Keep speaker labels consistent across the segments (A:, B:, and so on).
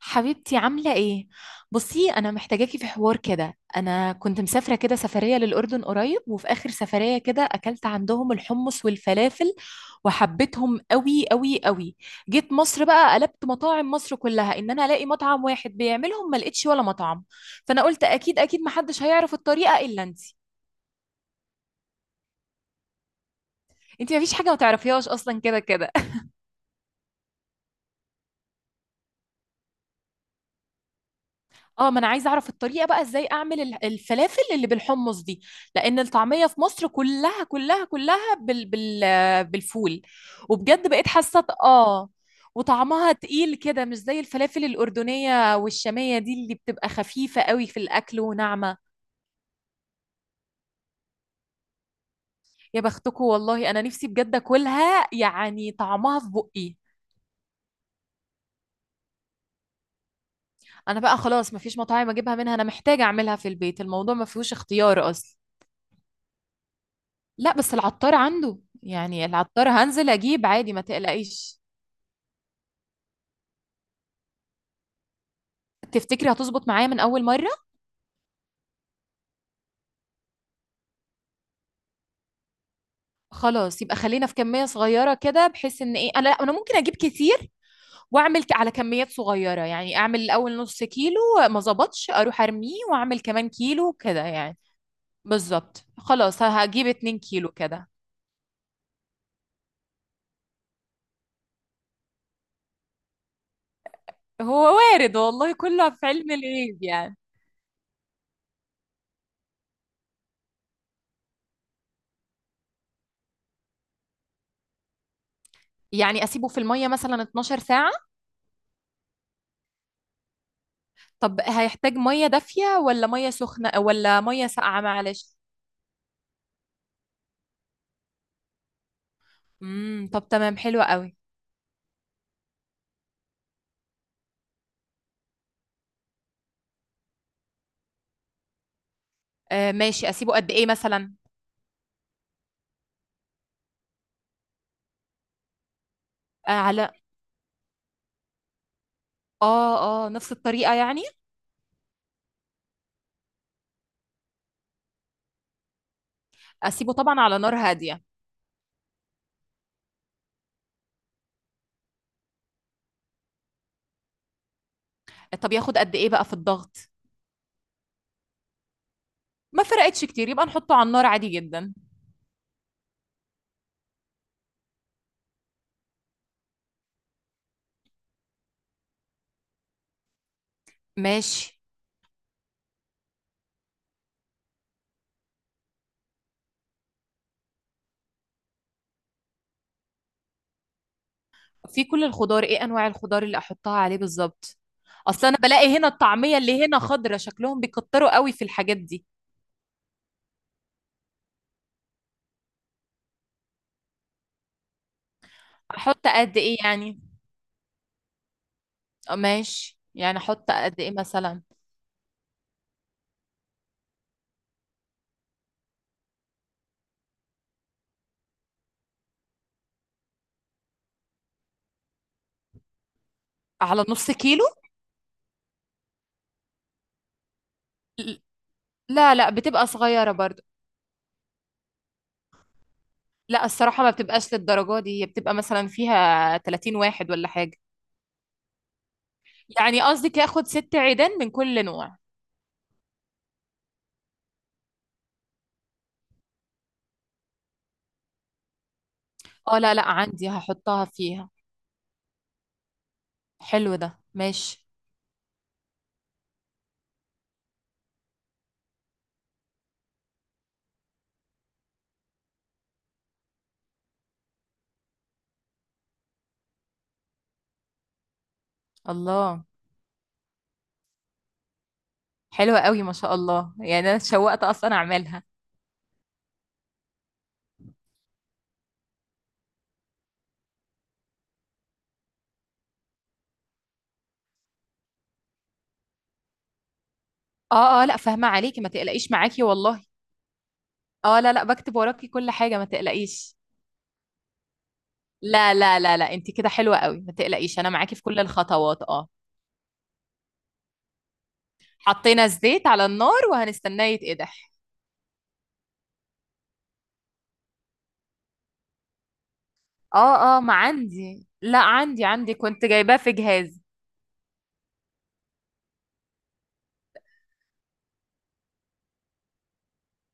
A: حبيبتي عاملة ايه؟ بصي انا محتاجاكي في حوار كده. انا كنت مسافرة كده سفرية للأردن قريب، وفي آخر سفرية كده اكلت عندهم الحمص والفلافل وحبيتهم قوي قوي قوي. جيت مصر بقى قلبت مطاعم مصر كلها ان انا الاقي مطعم واحد بيعملهم، ما لقيتش ولا مطعم. فانا قلت اكيد محدش هيعرف الطريقة الا انتي. انتي مفيش حاجة ما تعرفيهاش اصلا كده كده. اه، ما انا عايزه اعرف الطريقه بقى ازاي اعمل الفلافل اللي بالحمص دي. لان الطعميه في مصر كلها كلها كلها بالفول. وبجد بقيت حاسه اه. وطعمها تقيل كده، مش زي الفلافل الاردنيه والشاميه دي اللي بتبقى خفيفه قوي في الاكل وناعمه. يا بختكم والله، انا نفسي بجد اكلها يعني طعمها في بقي. انا بقى خلاص مفيش مطاعم اجيبها منها، انا محتاجه اعملها في البيت، الموضوع ما فيهوش اختيار اصلا. لا بس العطار عنده، يعني العطار هنزل اجيب عادي ما تقلقيش. تفتكري هتظبط معايا من اول مره؟ خلاص يبقى خلينا في كميه صغيره كده، بحيث ان ايه، انا لا ممكن اجيب كتير واعمل على كميات صغيره، يعني اعمل الاول نص كيلو، ما ظبطش اروح ارميه واعمل كمان كيلو كده يعني. بالظبط، خلاص هجيب اتنين كيلو كده. هو وارد والله، كله في علم الغيب يعني. يعني اسيبه في الميه مثلا 12 ساعه؟ طب هيحتاج ميه دافيه ولا ميه سخنه ولا ميه ساقعه؟ معلش. طب تمام، حلو قوي. آه ماشي، اسيبه قد ايه مثلا؟ آه، على؟ اه اه، نفس الطريقه يعني. اسيبه طبعا على نار هاديه. طب ياخد قد ايه بقى في الضغط؟ ما فرقتش كتير، يبقى نحطه على النار عادي جدا. ماشي. في كل الخضار، ايه انواع الخضار اللي احطها عليه بالظبط؟ اصل انا بلاقي هنا الطعميه اللي هنا خضره، شكلهم بيكتروا قوي في الحاجات دي. احط قد ايه يعني؟ آه، ماشي، يعني احط قد ايه مثلا؟ على نص كيلو. لا لا، بتبقى صغيره برضه. لا الصراحة ما بتبقاش للدرجة دي، هي بتبقى مثلا فيها 30 واحد ولا حاجة. يعني قصدك ياخد ست عيدان من كل نوع؟ اه لا لا، عندي هحطها فيها. حلو ده، ماشي. الله. حلوة قوي ما شاء الله، يعني انا اتشوقت اصلا اعملها. اه اه لا، فاهمة عليكي ما تقلقيش معاكي والله. اه لا لا، بكتب وراكي كل حاجة ما تقلقيش. لا لا لا لا، انت كده حلوة قوي ما تقلقيش، انا معاكي في كل الخطوات اه. حطينا الزيت على النار وهنستناه يتقدح. اه اه، ما عندي، لا عندي كنت جايباه في جهاز.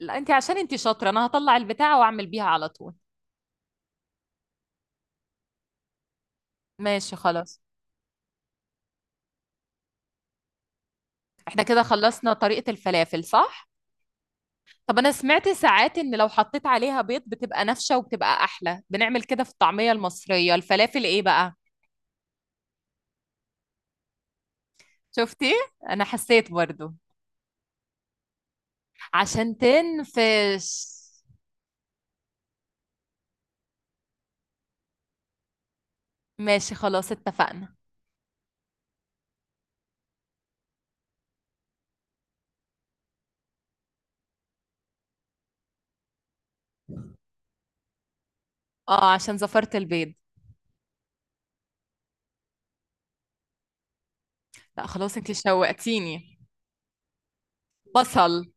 A: لا انت عشان انت شاطرة، انا هطلع البتاعة واعمل بيها على طول. ماشي خلاص. احنا كده خلصنا طريقة الفلافل صح؟ طب انا سمعت ساعات ان لو حطيت عليها بيض بتبقى نافشة وبتبقى احلى، بنعمل كده في الطعمية المصرية الفلافل ايه بقى؟ شفتي؟ انا حسيت برضو. عشان تنفش. ماشي خلاص اتفقنا. اه عشان زفرت البيض. لا خلاص انت شوقتيني. بصل.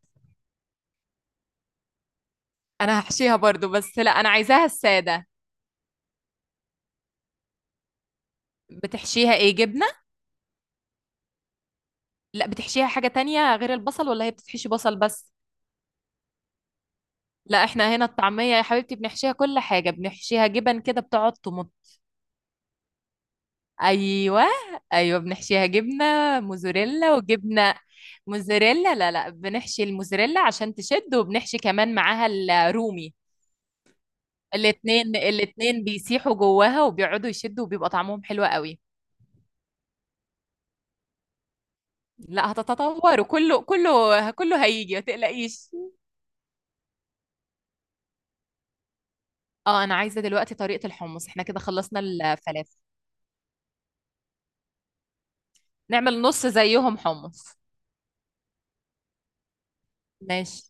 A: انا هحشيها برضو، بس لا انا عايزاها السادة. بتحشيها ايه؟ جبنة؟ لا بتحشيها حاجة تانية غير البصل ولا هي بتحشي بصل بس؟ لا احنا هنا الطعمية يا حبيبتي بنحشيها كل حاجة، بنحشيها جبن كده بتقعد تمط. ايوه. ايوه بنحشيها جبنة. موزاريلا وجبنة. موزاريلا، لا لا، بنحشي الموزاريلا عشان تشد، وبنحشي كمان معاها الرومي. الاتنين الاتنين بيسيحوا جواها وبيقعدوا يشدوا وبيبقى طعمهم حلو قوي. لا هتتطور، وكله كله كله هيجي ما تقلقيش. اه انا عايزه دلوقتي طريقه الحمص، احنا كده خلصنا الفلافل. نعمل نص زيهم حمص. ماشي.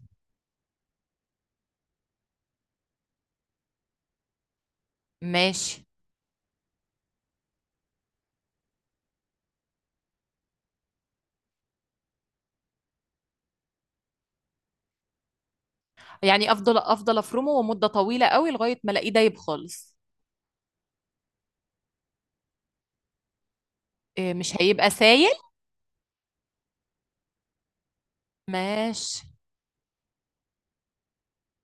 A: ماشي. يعني افضل افرمه ومده طويله قوي لغايه ما الاقيه دايب خالص. إيه، مش هيبقى سايل؟ ماشي.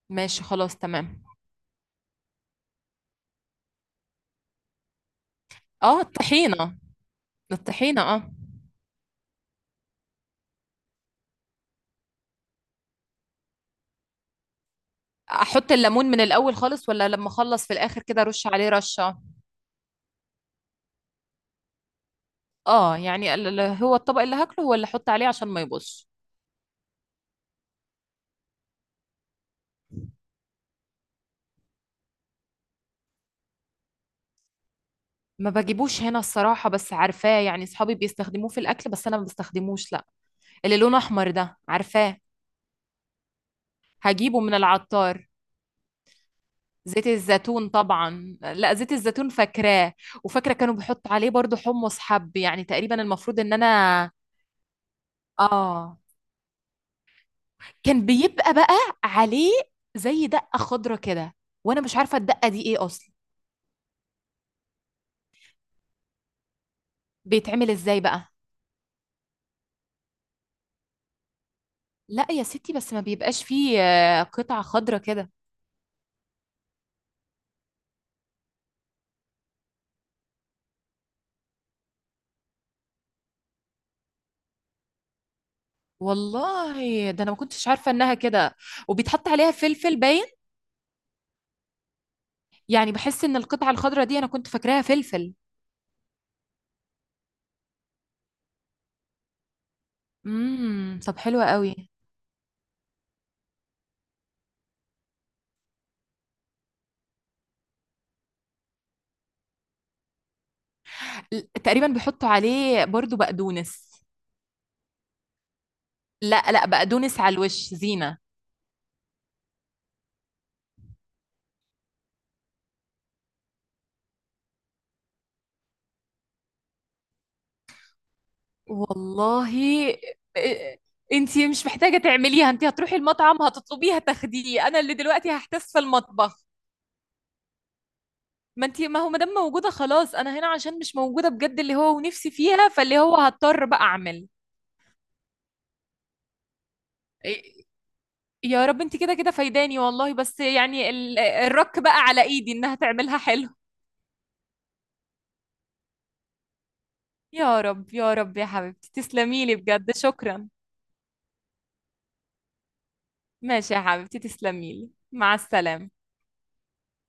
A: ماشي خلاص تمام. اه الطحينه. الطحينه اه. احط الليمون من الاول خالص ولا لما اخلص في الاخر كده ارش عليه رشه؟ اه يعني هو الطبق اللي هاكله هو اللي احط عليه عشان ما يبصش. ما بجيبوش هنا الصراحة، بس عارفاه يعني، صحابي بيستخدموه في الأكل بس أنا ما بستخدموش لا. اللي لونه احمر ده، عارفاه. هجيبه من العطار. زيت الزيتون طبعا، لا زيت الزيتون فاكراه. وفاكره كانوا بيحطوا عليه برضو حمص حب، يعني تقريبا المفروض ان انا اه. كان بيبقى بقى عليه زي دقه خضره كده، وانا مش عارفه الدقه دي ايه اصلا. بيتعمل ازاي بقى؟ لا يا ستي بس ما بيبقاش فيه قطع خضره كده. والله ده انا ما كنتش عارفه انها كده. وبيتحط عليها فلفل باين. يعني بحس ان القطعه الخضره دي انا كنت فاكراها فلفل. طب حلو قوي. تقريبا بيحطوا عليه برضو بقدونس. لا لا، بقدونس على الوش زينة. والله. إيه- انتي مش محتاجة تعمليها، انتي هتروحي المطعم هتطلبيها تاخديه، انا اللي دلوقتي هحتس في المطبخ. ما انتي، ما هو ما دام موجودة خلاص، انا هنا عشان مش موجودة بجد اللي هو، ونفسي فيها فاللي هو هضطر بقى اعمل. إيه- يا رب، انتي كده كده فايداني والله، بس يعني الرك بقى على ايدي انها تعملها حلو. يا رب يا رب، يا حبيبتي تسلميلي بجد، شكرا. ماشي يا حبيبتي، تسلميلي، مع السلامة.